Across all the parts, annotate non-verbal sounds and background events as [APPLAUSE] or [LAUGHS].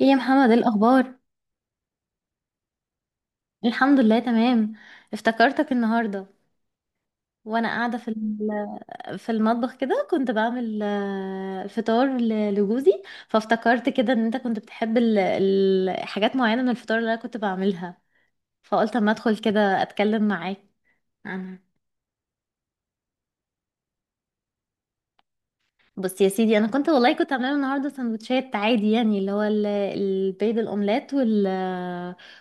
ايه يا محمد، ايه الاخبار؟ الحمد لله، تمام. افتكرتك النهارده وانا قاعده في [LAUGHS] في المطبخ كده كنت بعمل فطار لجوزي. فافتكرت كده ان انت كنت بتحب حاجات معينه من الفطار اللي انا كنت بعملها. فقلت اما ادخل كده اتكلم معاك عنها. بص يا سيدي، انا كنت والله كنت عامله النهارده سندوتشات عادي، يعني اللي هو البيض الاومليت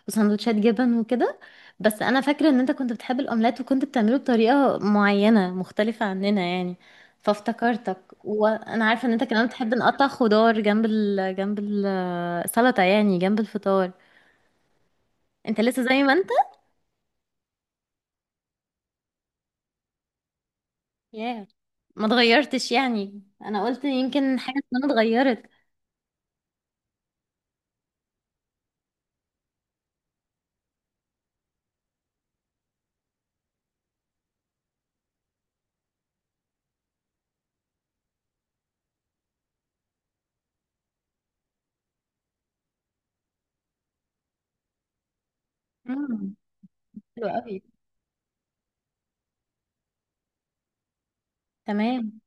وسندوتشات جبن وكده. بس انا فاكره ان انت كنت بتحب الاومليت، وكنت بتعمله بطريقه معينه مختلفه عننا يعني، فافتكرتك. وانا عارفه ان انت كمان بتحب نقطع خضار جنب جنب السلطه، يعني جنب الفطار. انت لسه زي ما انت. ياه. ما اتغيرتش، يعني انا قلت يمكن حاجه ما اتغيرت. مم. حلو قوي. تمام.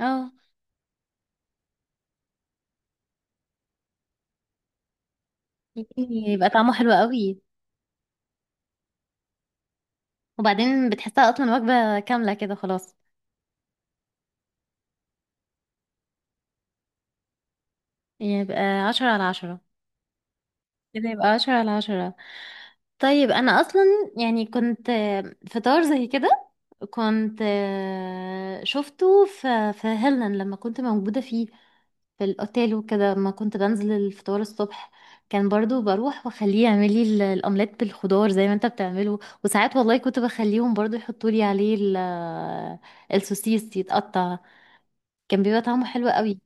اه. يعني يبقى طعمه حلو قوي. وبعدين بتحسها اصلا وجبة كاملة كده خلاص. يبقى 10 على 10. كده يبقى 10 على 10. طيب، انا اصلا يعني كنت فطار زي كده. كنت شفته في هيلن لما كنت موجودة فيه، في الاوتيل وكده ما كنت بنزل الفطار الصبح. كان برضو بروح واخليه يعمل لي الاومليت بالخضار زي ما انت بتعمله. وساعات والله كنت بخليهم برضو يحطوا لي عليه السوسيس يتقطع. كان بيبقى طعمه حلو قوي.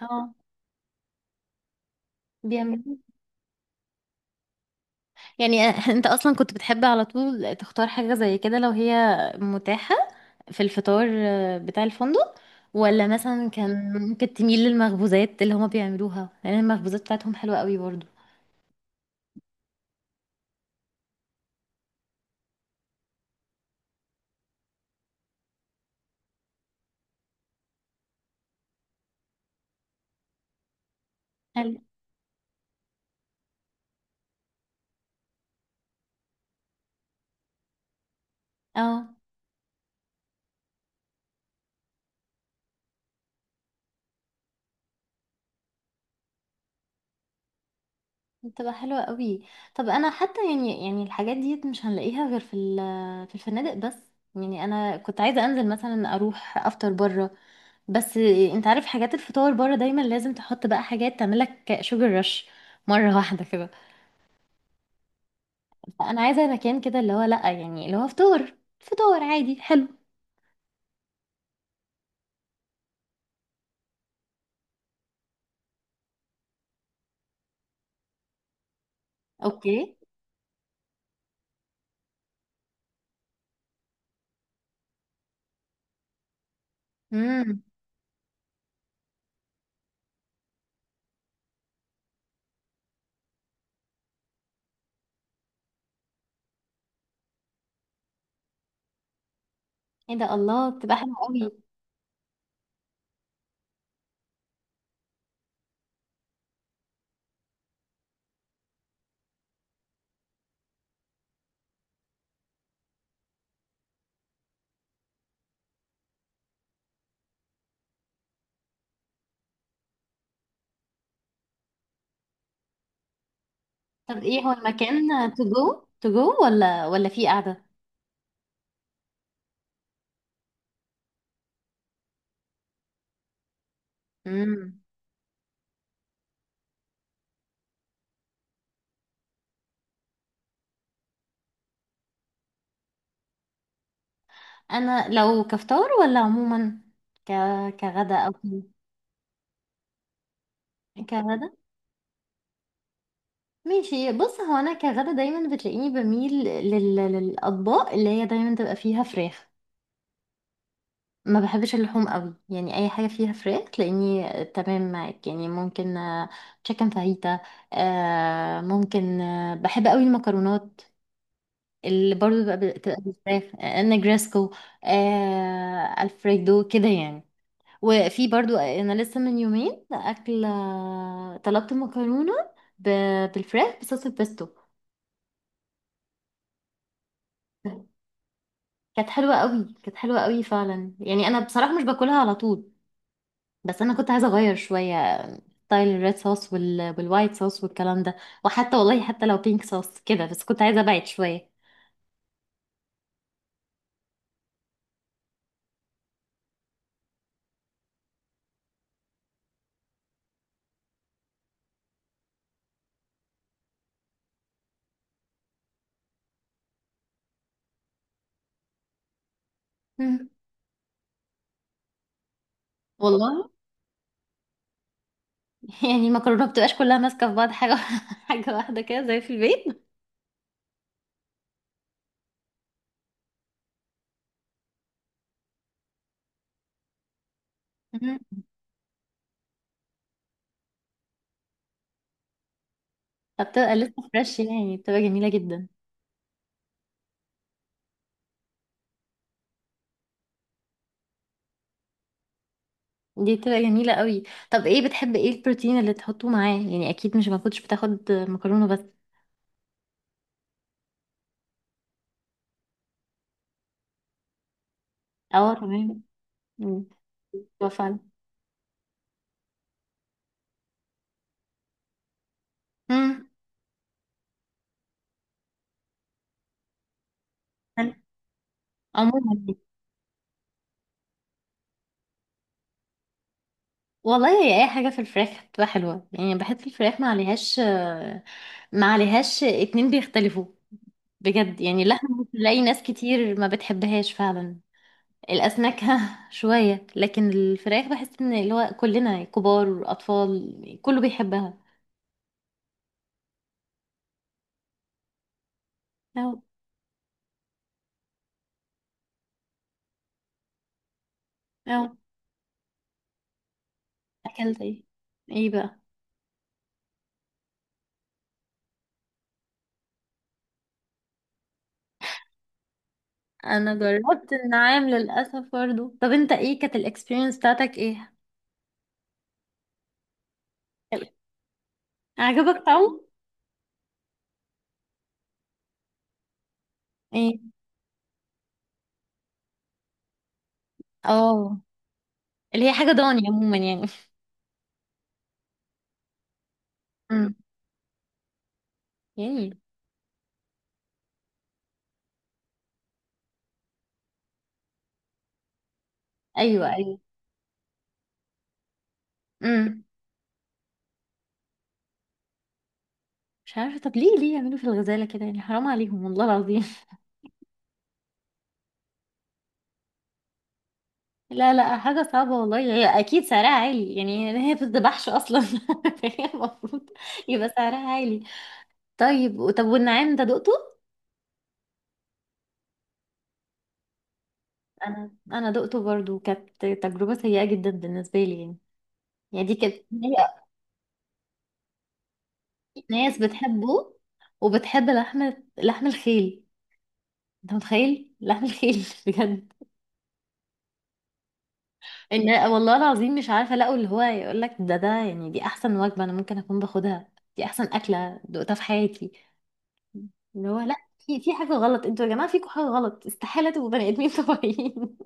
اه. بيعملوه. يعني [LAUGHS] انت اصلا كنت بتحب على طول تختار حاجة زي كده لو هي متاحة في الفطار بتاع الفندق. ولا مثلا كان ممكن تميل للمخبوزات اللي هما بيعملوها، لان المخبوزات بتاعتهم حلوة قوي برضو. هل. اه. بتبقى حلوة قوي. طب انا حتى يعني الحاجات دي مش هنلاقيها غير في في الفنادق بس. يعني انا كنت عايزة انزل مثلا اروح افطر بره، بس انت عارف حاجات الفطار بره دايما لازم تحط بقى حاجات تعملك شوجر رش مرة [LAUGHS] واحدة كده. فانا عايزة مكان كده اللي هو لا، يعني اللي هو فطار فطار عادي حلو. اوكي. امم. ايه ده، الله، بتبقى حلوة قوي. طب ايه هو المكان؟ تو جو تو جو ولا في؟ قاعدة. انا لو كفطار ولا عموما ك... كغدا او كده؟ كغدا. ماشي، بص هو انا كغدا دايما بتلاقيني بميل للاطباق اللي هي دايما تبقى فيها فراخ. ما بحبش اللحوم قوي، يعني اي حاجه فيها فراخ تلاقيني تمام معاك، يعني ممكن تشيكن فاهيتا. ممكن بحب قوي المكرونات اللي برضو بتبقى بالفراخ النجرسكو. الفريدو كده يعني. وفي برضو انا لسه من يومين اكل، طلبت مكرونه بالفراخ بصوص البيستو. كانت حلوه قوي، كانت حلوه قوي فعلا، يعني انا بصراحه مش باكلها على طول. بس انا كنت عايزه اغير شويه ستايل الريد صوص والوايت صوص والكلام ده. وحتى والله حتى لو بينك صوص كده، بس كنت عايزه ابعد شويه. مم. والله. [LAUGHS] يعني المكرونه ما بتبقاش كلها ماسكه في بعض حاجه [LAUGHS] حاجه واحده كده زي في البيت. مم. فبتبقى لسه فريش، يعني بتبقى جميله جدا. دي بتبقى جميلة قوي. طب ايه بتحب، ايه البروتين اللي تحطه معاه؟ يعني اكيد مش ما كنتش بتاخد مكرونة بس. اه، تمام. مم. أيوة، فعلا. مم. عموما. والله هي اي حاجة في الفراخ بتبقى حلوة، يعني بحس الفراخ ما عليهاش اتنين بيختلفوا. بجد، يعني اللحمة بتلاقي ناس كتير ما بتحبهاش فعلا. الأسماك [LAUGHS] ها، شوية، لكن الفراخ بحس ان اللي هو كلنا كبار أطفال كله بيحبها. أو أو اكلت ايه بقى؟ انا جربت النعام للاسف برضه. طب انت ايه كانت الاكسبيرينس بتاعتك ايه؟ عجبك طعمه؟ ايه؟ اه. اللي هي حاجه ضاني عموما يعني. امم. يعني. ايوه، ايوه. امم. مش عارفه، طب ليه يعملوا في الغزاله كده، يعني حرام عليهم والله العظيم. [LAUGHS] لا، لا، حاجه صعبه والله، هي اكيد سعرها عالي، يعني هي بتذبحش اصلا [LAUGHS] فهي المفروض يبقى سعرها عالي. طيب، طب، والنعام ده دقته؟ انا دقته برضو، كانت تجربة سيئة جدا بالنسبة لي يعني. يعني دي كانت ناس بتحبه وبتحب لحم الخيل. انت متخيل لحم الخيل؟ [LAUGHS] بجد. ان والله العظيم مش عارفة، لقوا اللي هو يقول لك ده يعني دي احسن وجبة انا ممكن اكون باخدها. دي احسن اكلة دقتها في حياتي. اللي هو لا، في حاجة غلط، انتوا يا جماعة فيكم حاجة غلط، استحالة تبقوا بني ادمين طبيعيين.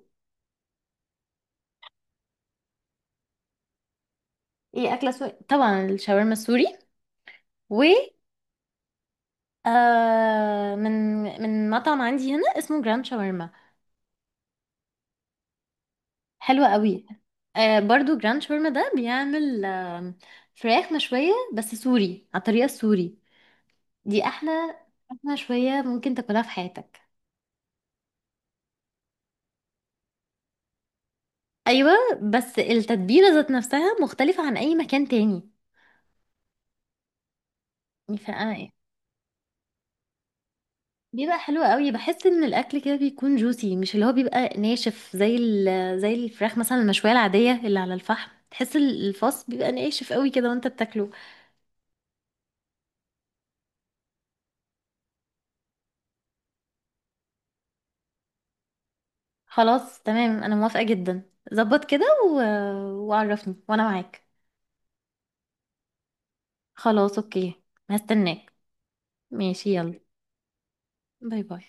[LAUGHS] ايه اكلة سوري، طبعا الشاورما السوري. من مطعم عندي هنا اسمه جراند شاورما. حلو قوي. برضو جراند شاورما ده بيعمل فراخ مشوية بس سوري على الطريقة السوري. دي أحلى فراخ مشوية ممكن تاكلها في حياتك. أيوة. بس التتبيلة ذات نفسها مختلفة عن أي مكان تاني. فأنا إيه. بيبقى حلو قوي، بحس ان الاكل كده بيكون جوسي، مش اللي هو بيبقى ناشف زي زي الفراخ مثلا المشويه العاديه اللي على الفحم، تحس الفص بيبقى ناشف قوي كده وانت بتاكله. خلاص، تمام، انا موافقة جدا، ظبط كده وعرفني وانا معاك. خلاص اوكي، هستناك. ماشي يلا. باي، باي.